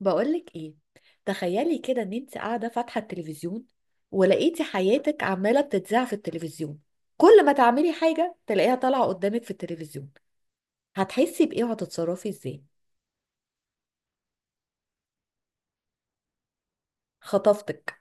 بقولك ايه، تخيلي كده ان انت قاعده فاتحه التلفزيون ولقيتي حياتك عماله بتتذاع في التلفزيون. كل ما تعملي حاجه تلاقيها طالعه قدامك في التلفزيون، هتحسي بايه وهتتصرفي ازاي؟ خطفتك.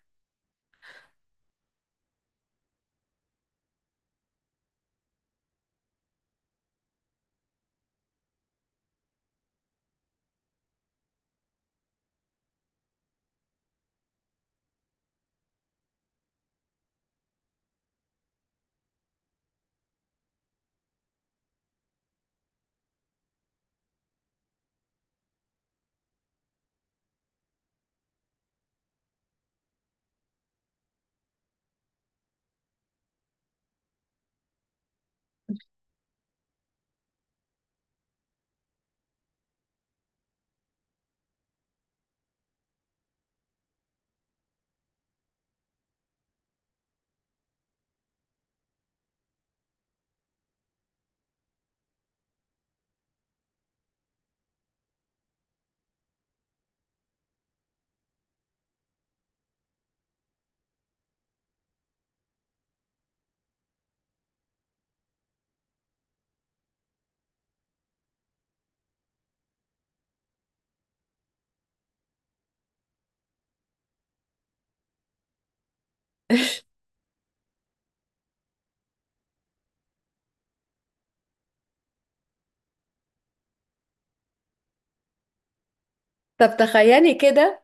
طب تخيلي كده.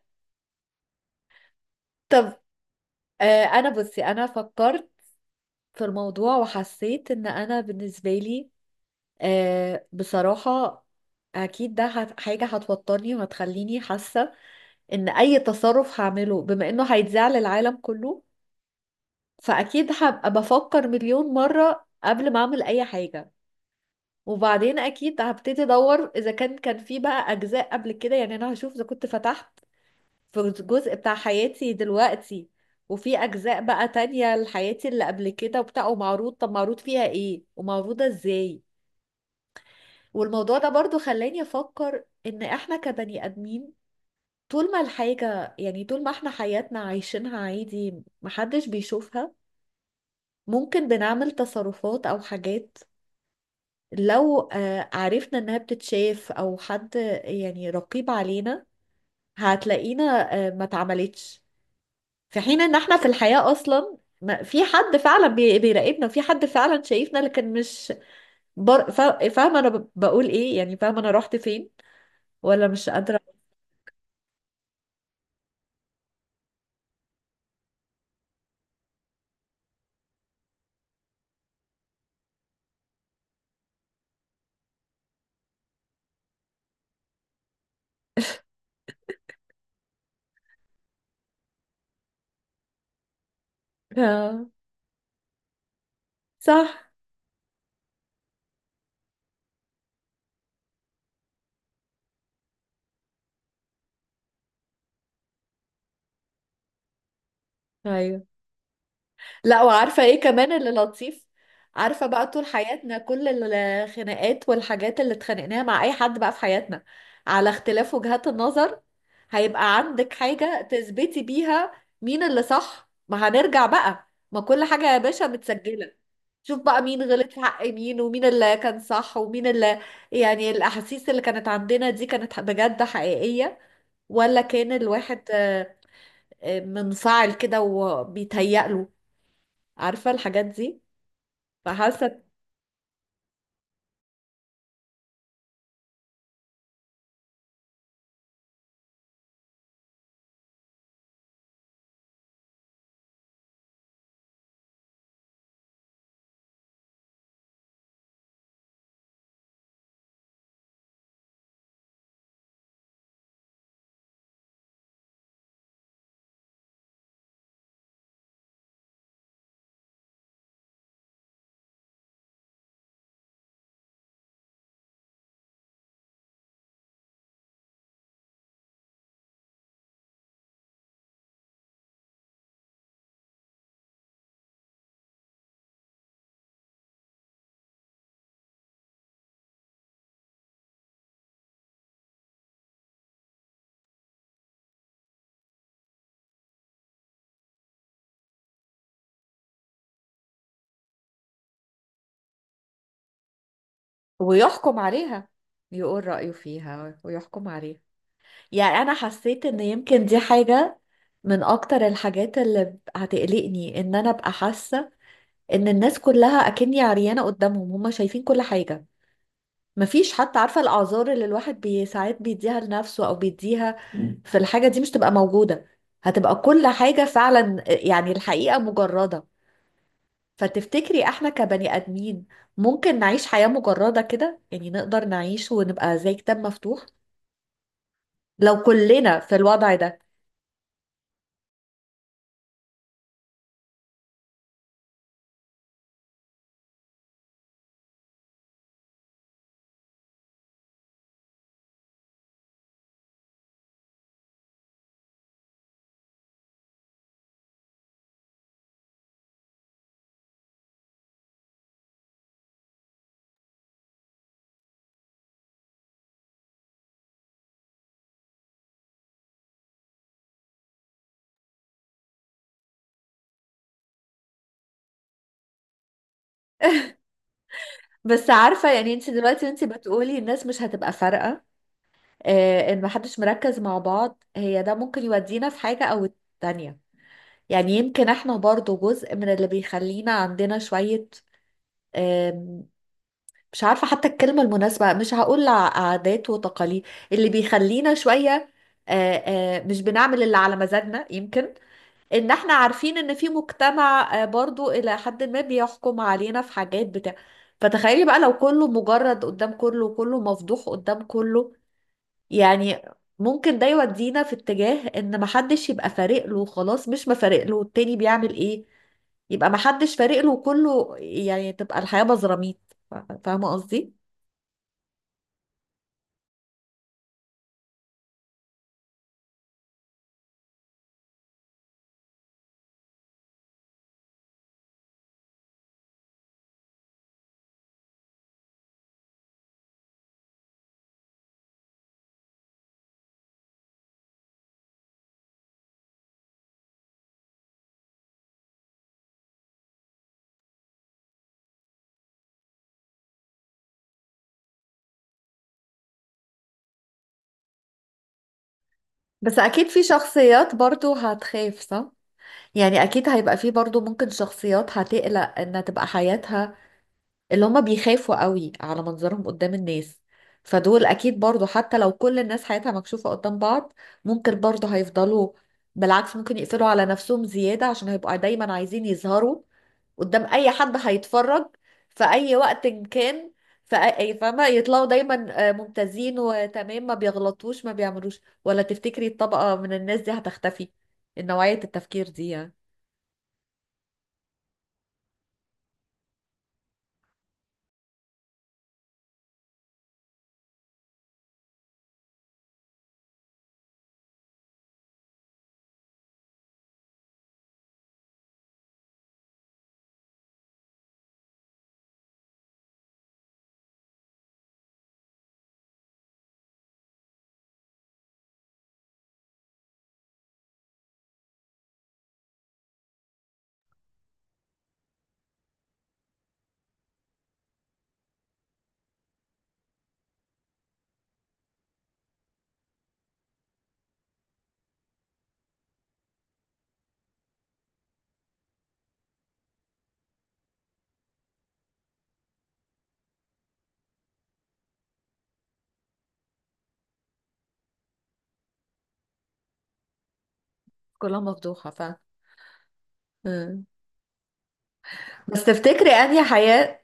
طب آه انا بصي، انا فكرت في الموضوع وحسيت ان انا بالنسبه لي بصراحه اكيد ده حاجه هتوترني وهتخليني حاسه ان اي تصرف هعمله بما انه هيتذاع للعالم كله. فاكيد هبقى بفكر مليون مرة قبل ما اعمل اي حاجة. وبعدين اكيد هبتدي ادور اذا كان في بقى اجزاء قبل كده، يعني انا هشوف اذا كنت فتحت في جزء بتاع حياتي دلوقتي وفي اجزاء بقى تانية لحياتي اللي قبل كده وبتاع، ومعروض طب معروض فيها ايه ومعروضة ازاي. والموضوع ده برضو خلاني افكر ان احنا كبني ادمين، طول ما الحاجة يعني طول ما احنا حياتنا عايشينها عادي محدش بيشوفها ممكن بنعمل تصرفات او حاجات لو عرفنا انها بتتشاف او حد يعني رقيب علينا هتلاقينا ما اتعملتش. في حين ان احنا في الحياة اصلا ما في حد فعلا بيراقبنا، في حد فعلا شايفنا لكن مش فاهمة انا بقول ايه، يعني فاهمة انا رحت فين ولا مش قادرة؟ آه، صح. ايوه، لا وعارفة ايه كمان اللي لطيف؟ عارفة بقى طول حياتنا كل الخناقات والحاجات اللي اتخانقناها مع اي حد بقى في حياتنا على اختلاف وجهات النظر، هيبقى عندك حاجة تثبتي بيها مين اللي صح. ما هنرجع بقى، ما كل حاجة يا باشا متسجلة، شوف بقى مين غلط في حق مين ومين اللي كان صح ومين اللي، يعني الأحاسيس اللي كانت عندنا دي كانت بجد حقيقية ولا كان الواحد منفعل كده وبيتهيأ له، عارفة الحاجات دي؟ فحاسه. ويحكم عليها، يقول رأيه فيها ويحكم عليها. يعني انا حسيت ان يمكن دي حاجة من اكتر الحاجات اللي هتقلقني، ان انا ابقى حاسة ان الناس كلها اكني عريانة قدامهم، هما شايفين كل حاجة، مفيش حتى عارفة الاعذار اللي الواحد بي ساعات بيديها لنفسه او بيديها في الحاجة دي مش تبقى موجودة، هتبقى كل حاجة فعلا يعني الحقيقة مجردة. فتفتكري احنا كبني ادمين ممكن نعيش حياة مجردة كده؟ يعني نقدر نعيش ونبقى زي كتاب مفتوح لو كلنا في الوضع ده؟ بس عارفة، يعني انت دلوقتي انت بتقولي الناس مش هتبقى فارقة، اه ان محدش مركز مع بعض، هي ده ممكن يودينا في حاجة او التانية. يعني يمكن احنا برضو جزء من اللي بيخلينا عندنا شوية، مش عارفة حتى الكلمة المناسبة، مش هقول عادات وتقاليد اللي بيخلينا شوية آه، مش بنعمل اللي على مزاجنا، يمكن ان احنا عارفين ان في مجتمع برضو الى حد ما بيحكم علينا في حاجات بتاع فتخيلي بقى لو كله مجرد قدام كله وكله مفضوح قدام كله، يعني ممكن ده يودينا في اتجاه ان محدش يبقى فارق له، خلاص مش مفارق له التاني بيعمل ايه، يبقى محدش فارق له وكله، يعني تبقى الحياة بزراميط. فاهمة قصدي؟ بس اكيد في شخصيات برضو هتخاف، صح؟ يعني اكيد هيبقى في برضو ممكن شخصيات هتقلق انها تبقى حياتها، اللي هما بيخافوا قوي على منظرهم قدام الناس، فدول اكيد برضو حتى لو كل الناس حياتها مكشوفة قدام بعض ممكن برضو هيفضلوا. بالعكس ممكن يقفلوا على نفسهم زيادة عشان هيبقوا دايما عايزين يظهروا قدام اي حد هيتفرج في اي وقت إن كان في اي، فاهمه؟ يطلعوا دايما ممتازين وتمام، ما بيغلطوش ما بيعملوش. ولا تفتكري الطبقه من الناس دي هتختفي، نوعيه التفكير دي يعني؟ كلها مفضوحه فعلا. مم. بس تفتكري انهي حياه،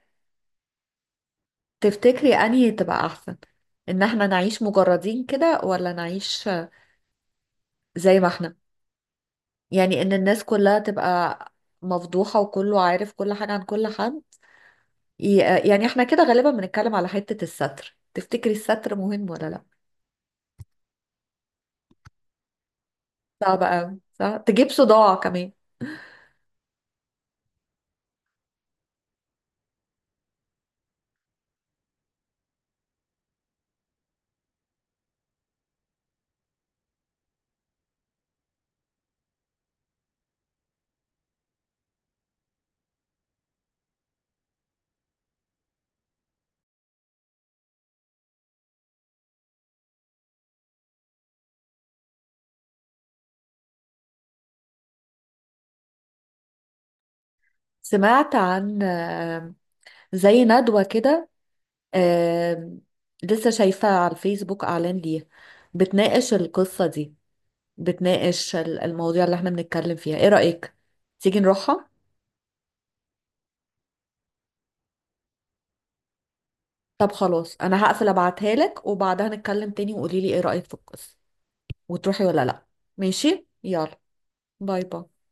تفتكري انهي تبقى احسن، ان احنا نعيش مجردين كده ولا نعيش زي ما احنا؟ يعني ان الناس كلها تبقى مفضوحه وكله عارف كل حاجه عن كل حد، يعني احنا كده غالبا بنتكلم على حتة الستر، تفتكري الستر مهم ولا لا؟ صعب قوي، صح، تجيب صداع كمان. سمعت عن زي ندوة كده، آم، لسه شايفة على الفيسبوك اعلان ليها، بتناقش القصة دي، بتناقش المواضيع اللي احنا بنتكلم فيها، ايه رأيك تيجي نروحها؟ طب خلاص انا هقفل ابعتها لك وبعدها نتكلم تاني وقولي لي ايه رأيك في القصة، وتروحي ولا لا. ماشي، يلا. باي باي.